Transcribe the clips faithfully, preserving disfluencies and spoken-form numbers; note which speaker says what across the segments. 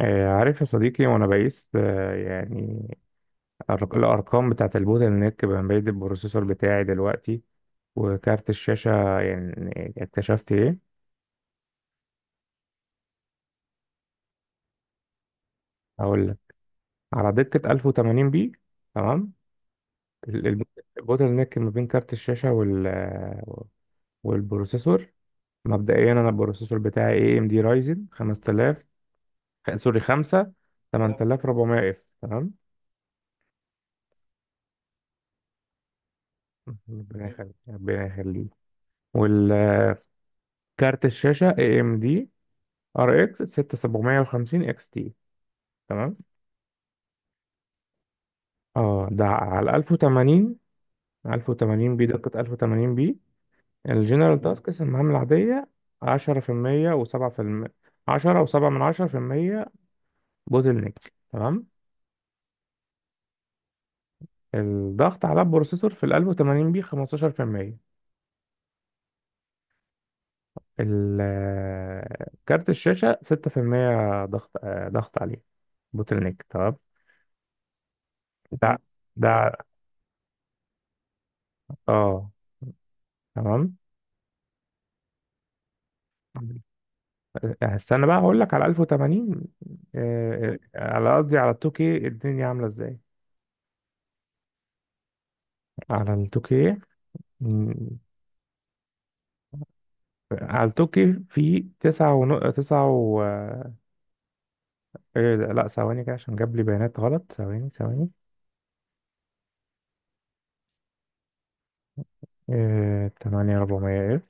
Speaker 1: آه، عارف يا صديقي، وانا بقيس آه، يعني الأرق- الارقام بتاعه البوتل نيك بين بين البروسيسور بتاعي دلوقتي وكارت الشاشه، يعني اكتشفت ايه؟ هقول لك. على دقه ألف وثمانين بي، تمام. ال- ال- البوتل نيك ما بين كارت الشاشه وال آه، والبروسيسور. مبدئيا انا البروسيسور بتاعي اي ام دي رايزن خمسة آلاف، خ- سوري خمسة تمانية آلاف وأربعمية اف، تمام. ربنا يخليك ربنا يخليك. والكارت الشاشه اي ام دي ار اكس ستة آلاف وسبعمية وخمسين اكس تي، تمام. اه، ده على ألف وثمانين ألف وثمانين بي، دقة ألف وثمانين بي. الجنرال تاسكس المهام العادية عشرة بالمية و7%، عشرة و7 من عشرة بالمية، بوتل نيك، تمام. الضغط على البروسيسور في ال ألف وثمانين بي خمستاشر بالمية. ال- كارت الشاشة ستة بالمية ضغط آه، ضغط عليه، بوتل نيك، تمام. ده ده، اه تمام. أه، استنى بقى، هقول لك على ألف وثمانين. آه، أه، على قصدي على تو كيه، الدنيا عاملة ازاي؟ على ال تو كيه، مم، على ال تو كيه في تسعة ونق... تسعة و... إيه ده؟ لا، ثواني كده عشان جاب لي بيانات غلط. ثواني ثواني. إيه... تمانية آلاف وأربعمية اف.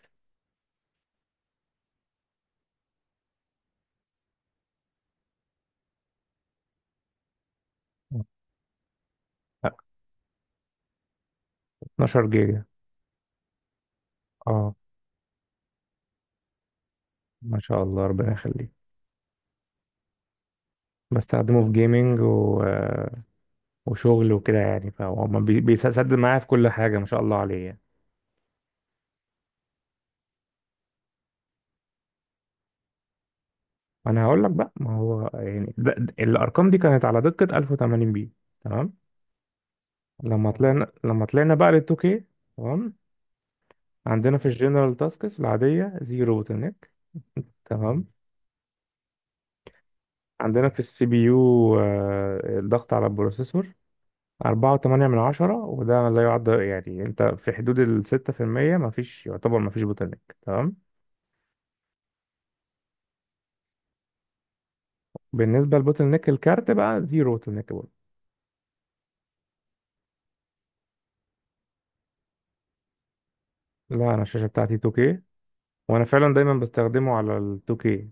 Speaker 1: اتناشر جيجا، اه ما شاء الله، ربنا يخليك. بستخدمه في جيمنج و... آه، وشغل وكده يعني، فهو ما بي- بيسدد معايا في كل حاجة، ما شاء الله عليه يعني. ما انا هقول لك بقى، ما هو يعني ده ده- الارقام دي كانت على دقة ألف وثمانين بي، تمام. لما طلعنا لما طلعنا بقى لل تو كيه، تمام. عندنا في الجنرال تاسكس العادية زيرو بوتلنيك، تمام. عندنا في السي بي يو آه، الضغط على البروسيسور اربعة فاصلة تمانية من عشرة، وده لا يعد، يعني انت في حدود ال ستة بالمية، ما فيش، يعتبر ما فيش بوتلنيك، تمام. بالنسبة للبوتلنيك الكارت بقى زيرو بوتلنيك برضه. لا، انا الشاشة بتاعتي تو كيه، وانا فعلا دايما بستخدمه على ال تو كيه.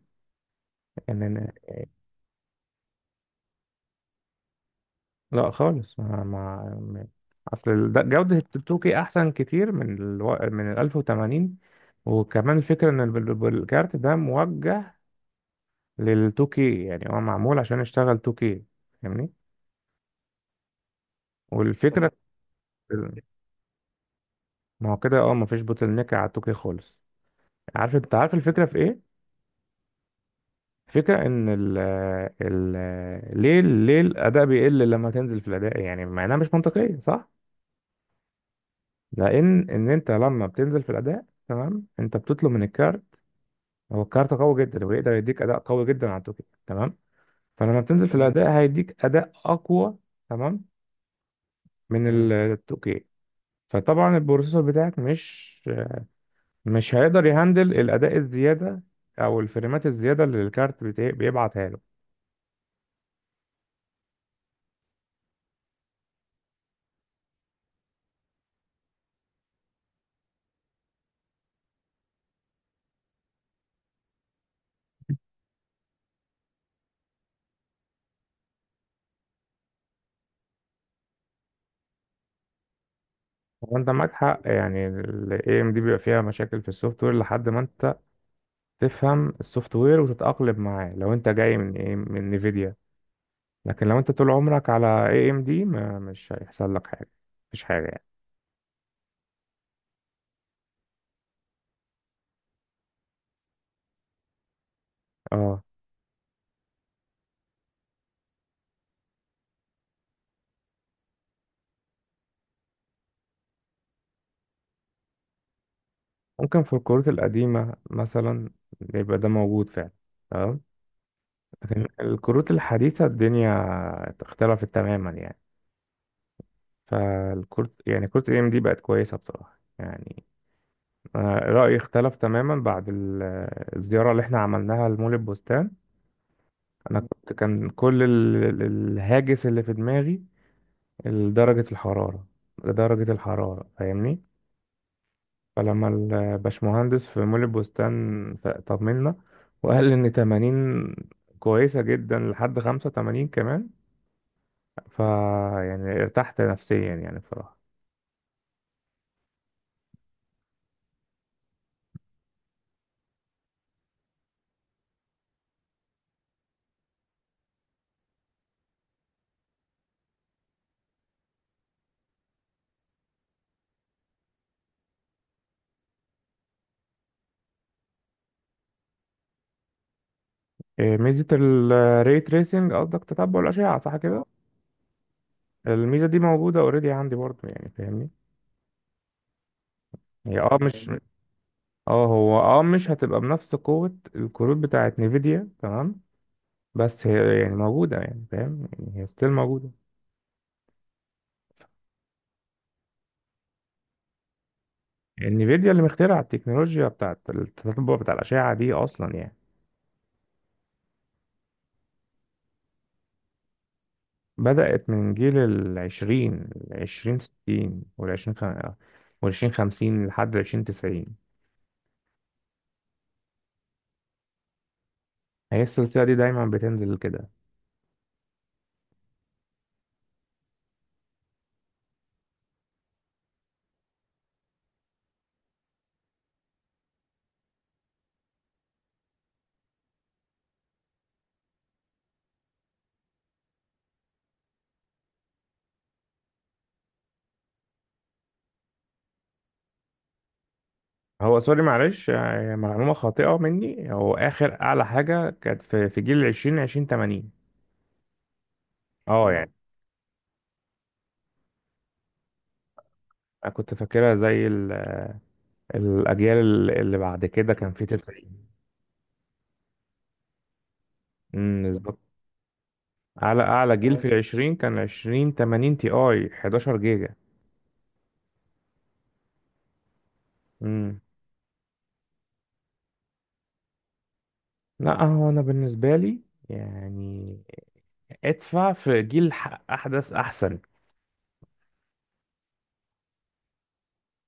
Speaker 1: لا خالص، مع, مع... م- اصل ده جودة التوكي احسن كتير من الو... من ال ألف وثمانين. وكمان الفكرة ان الب- الب- الكارت ده موجه للتوكي، يعني هو معمول عشان يشتغل توكي، فاهمني؟ والفكرة، ما هو كده، اه مفيش بوتل نيك على التوكي خالص. عارف انت عارف الفكرة في ايه؟ فكرة ان ال ال ليه ليه الاداء بيقل لما تنزل في الاداء، يعني مع انها مش منطقية، صح؟ لان ان انت لما بتنزل في الاداء، تمام، انت بتطلب من الكارت. هو الكارت قوي جدا، ويقدر يديك اداء قوي جدا على التوكي، تمام. فلما بتنزل في، تمام، الاداء هيديك اداء اقوى، تمام، من مم. ال- التوكي. فطبعا البروسيسور بتاعك مش مش هيقدر يهندل الاداء الزياده، او الفريمات الزياده اللي الكارت بتا- بيبعتها له. وانت معاك حق، يعني ال ايه ام دي بيبقى فيها مشاكل في السوفت وير لحد ما انت تفهم السوفت وير وتتأقلم معاه، لو انت جاي من ايه من نيفيديا. لكن لو انت طول عمرك على ايه ام دي، ما مش هيحصل لك حاجه، مفيش حاجه يعني. اه ممكن في الكروت القديمة مثلا يبقى ده موجود فعلا، تمام. لكن الكروت الحديثة الدنيا اختلفت تماما يعني. فالكروت، يعني كروت ام دي بقت كويسة بصراحة يعني. أنا رأيي اختلف تماما بعد ال- الزيارة اللي احنا عملناها لمول البستان. أنا كنت كان كل ال- ال- الهاجس اللي في دماغي درجة الحرارة، درجة الحرارة، فاهمني؟ فلما الباشمهندس في مول البستان ف- طمنا، وقال إن تمانين كويسة جدا، لحد خمسة وتمانين كمان. ف يعني ارتحت نفسيا يعني، بصراحة. إيه، ميزة الري تريسنج، قصدك تتبع الأشعة، صح كده؟ الميزة دي موجودة اوريدي عندي برضه يعني، فاهمني؟ هي اه مش. اه هو اه مش هتبقى بنفس قوة الكروت بتاعت نيفيديا، تمام؟ بس هي يعني موجودة، يعني فاهم؟ يعني هي ستيل موجودة. انفيديا اللي مخترع التكنولوجيا بتاعت التتبع بتاع الأشعة دي أصلا يعني. بدأت من جيل العشرين، العشرين ستين والعشرين خم... والعشرين خمسين لحد العشرين تسعين. هي السلسلة دي دايما بتنزل كده. هو سوري، معلش، يعني معلومة خاطئة مني. هو آخر أعلى حاجة كانت في, في جيل العشرين، عشرين تمانين. اه مم. يعني أنا كنت فاكرها زي ال... الأجيال اللي بعد كده كان في تسعين. أمم، بالظبط. أعلى أعلى جيل في آه. العشرين كان عشرين تمانين تي آي، حداشر جيجا. امم. لا، هو انا بالنسبه لي يعني ادفع في جيل ح- احدث احسن.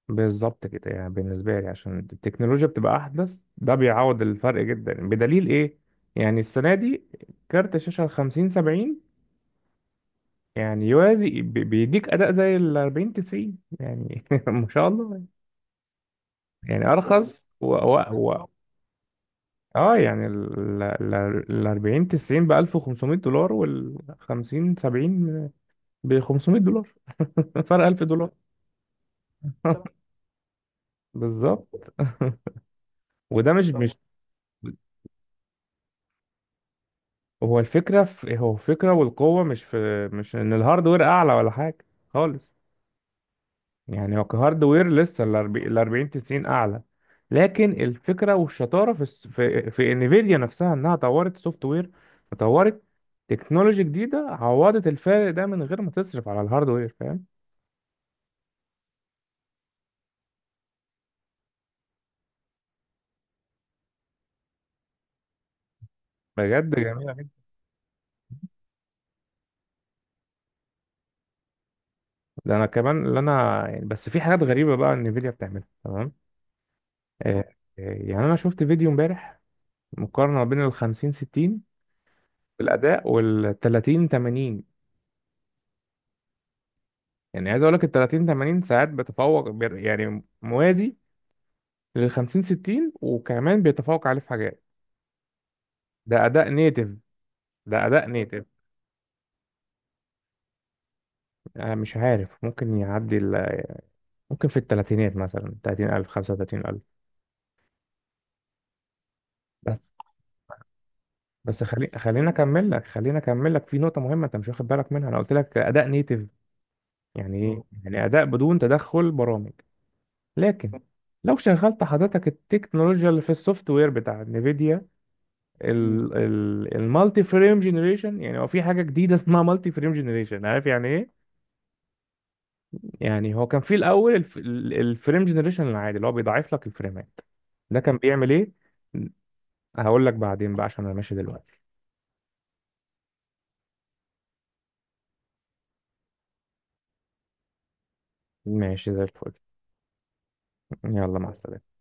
Speaker 1: بالظبط كده، يعني بالنسبه لي عشان التكنولوجيا بتبقى احدث، ده بيعوض الفرق جدا. بدليل ايه؟ يعني السنه دي كارت شاشه ال خمسين سبعين يعني يوازي، بي- بيديك اداء زي ال اربعين تسعين يعني ما شاء الله. يعني ارخص و, و... و... اه يعني ال ال- ال اربعين تسعين ب ألف وخمسمية دولار، وال خمسين سبعين ب خمسمية دولار. فرق ألف دولار. بالظبط. وده مش مش هو الفكرة في إيه؟ هو الفكرة والقوة مش، في مش ان الهاردوير اعلى ولا حاجة خالص. يعني هو كهاردوير لسه ال اربعين ال اربعين تسعين اعلى. لكن الفكرة والشطارة في الس- في, في انفيديا نفسها، انها طورت سوفت وير، وطورت تكنولوجي جديدة عوضت الفارق ده من غير ما تصرف على الهاردوير، فاهم؟ بجد جميلة جدا. ده انا كمان، اللي انا يعني، بس في حاجات غريبة بقى انفيديا بتعملها، تمام. آه، آه، يعني انا شفت فيديو امبارح، مقارنه ما بين ال خمسين ستين في الاداء وال تلاتين تمانين. يعني عايز اقول لك ال تلاتين تمانين ساعات بتفوق، بير- يعني موازي لل خمسين ستين، وكمان بيتفوق عليه في حاجات. ده اداء نيتف، ده اداء نيتف. آه، مش عارف، ممكن يعدي ال ممكن في الثلاثينات مثلا، تلاتين ألف خمسة وتلاتين ألف. بس بس خلي، خلينا اكمل لك خلينا اكمل لك في نقطه مهمه انت مش واخد بالك منها. انا قلت لك اداء نيتف، يعني ايه؟ يعني اداء بدون تدخل برامج. لكن لو شغلت حضرتك التكنولوجيا اللي في السوفت وير بتاع نفيديا، مم. ال- ال- المالتي فريم جنريشن، يعني هو في حاجه جديده اسمها مالتي فريم جنريشن، عارف يعني ايه؟ يعني هو كان في الاول الف- ال- الفريم جنريشن العادي اللي هو بيضاعف لك الفريمات. ده كان بيعمل ايه؟ هقول لك بعدين بقى عشان انا ماشي دلوقتي. ماشي زي الفل. يلا، مع السلامه.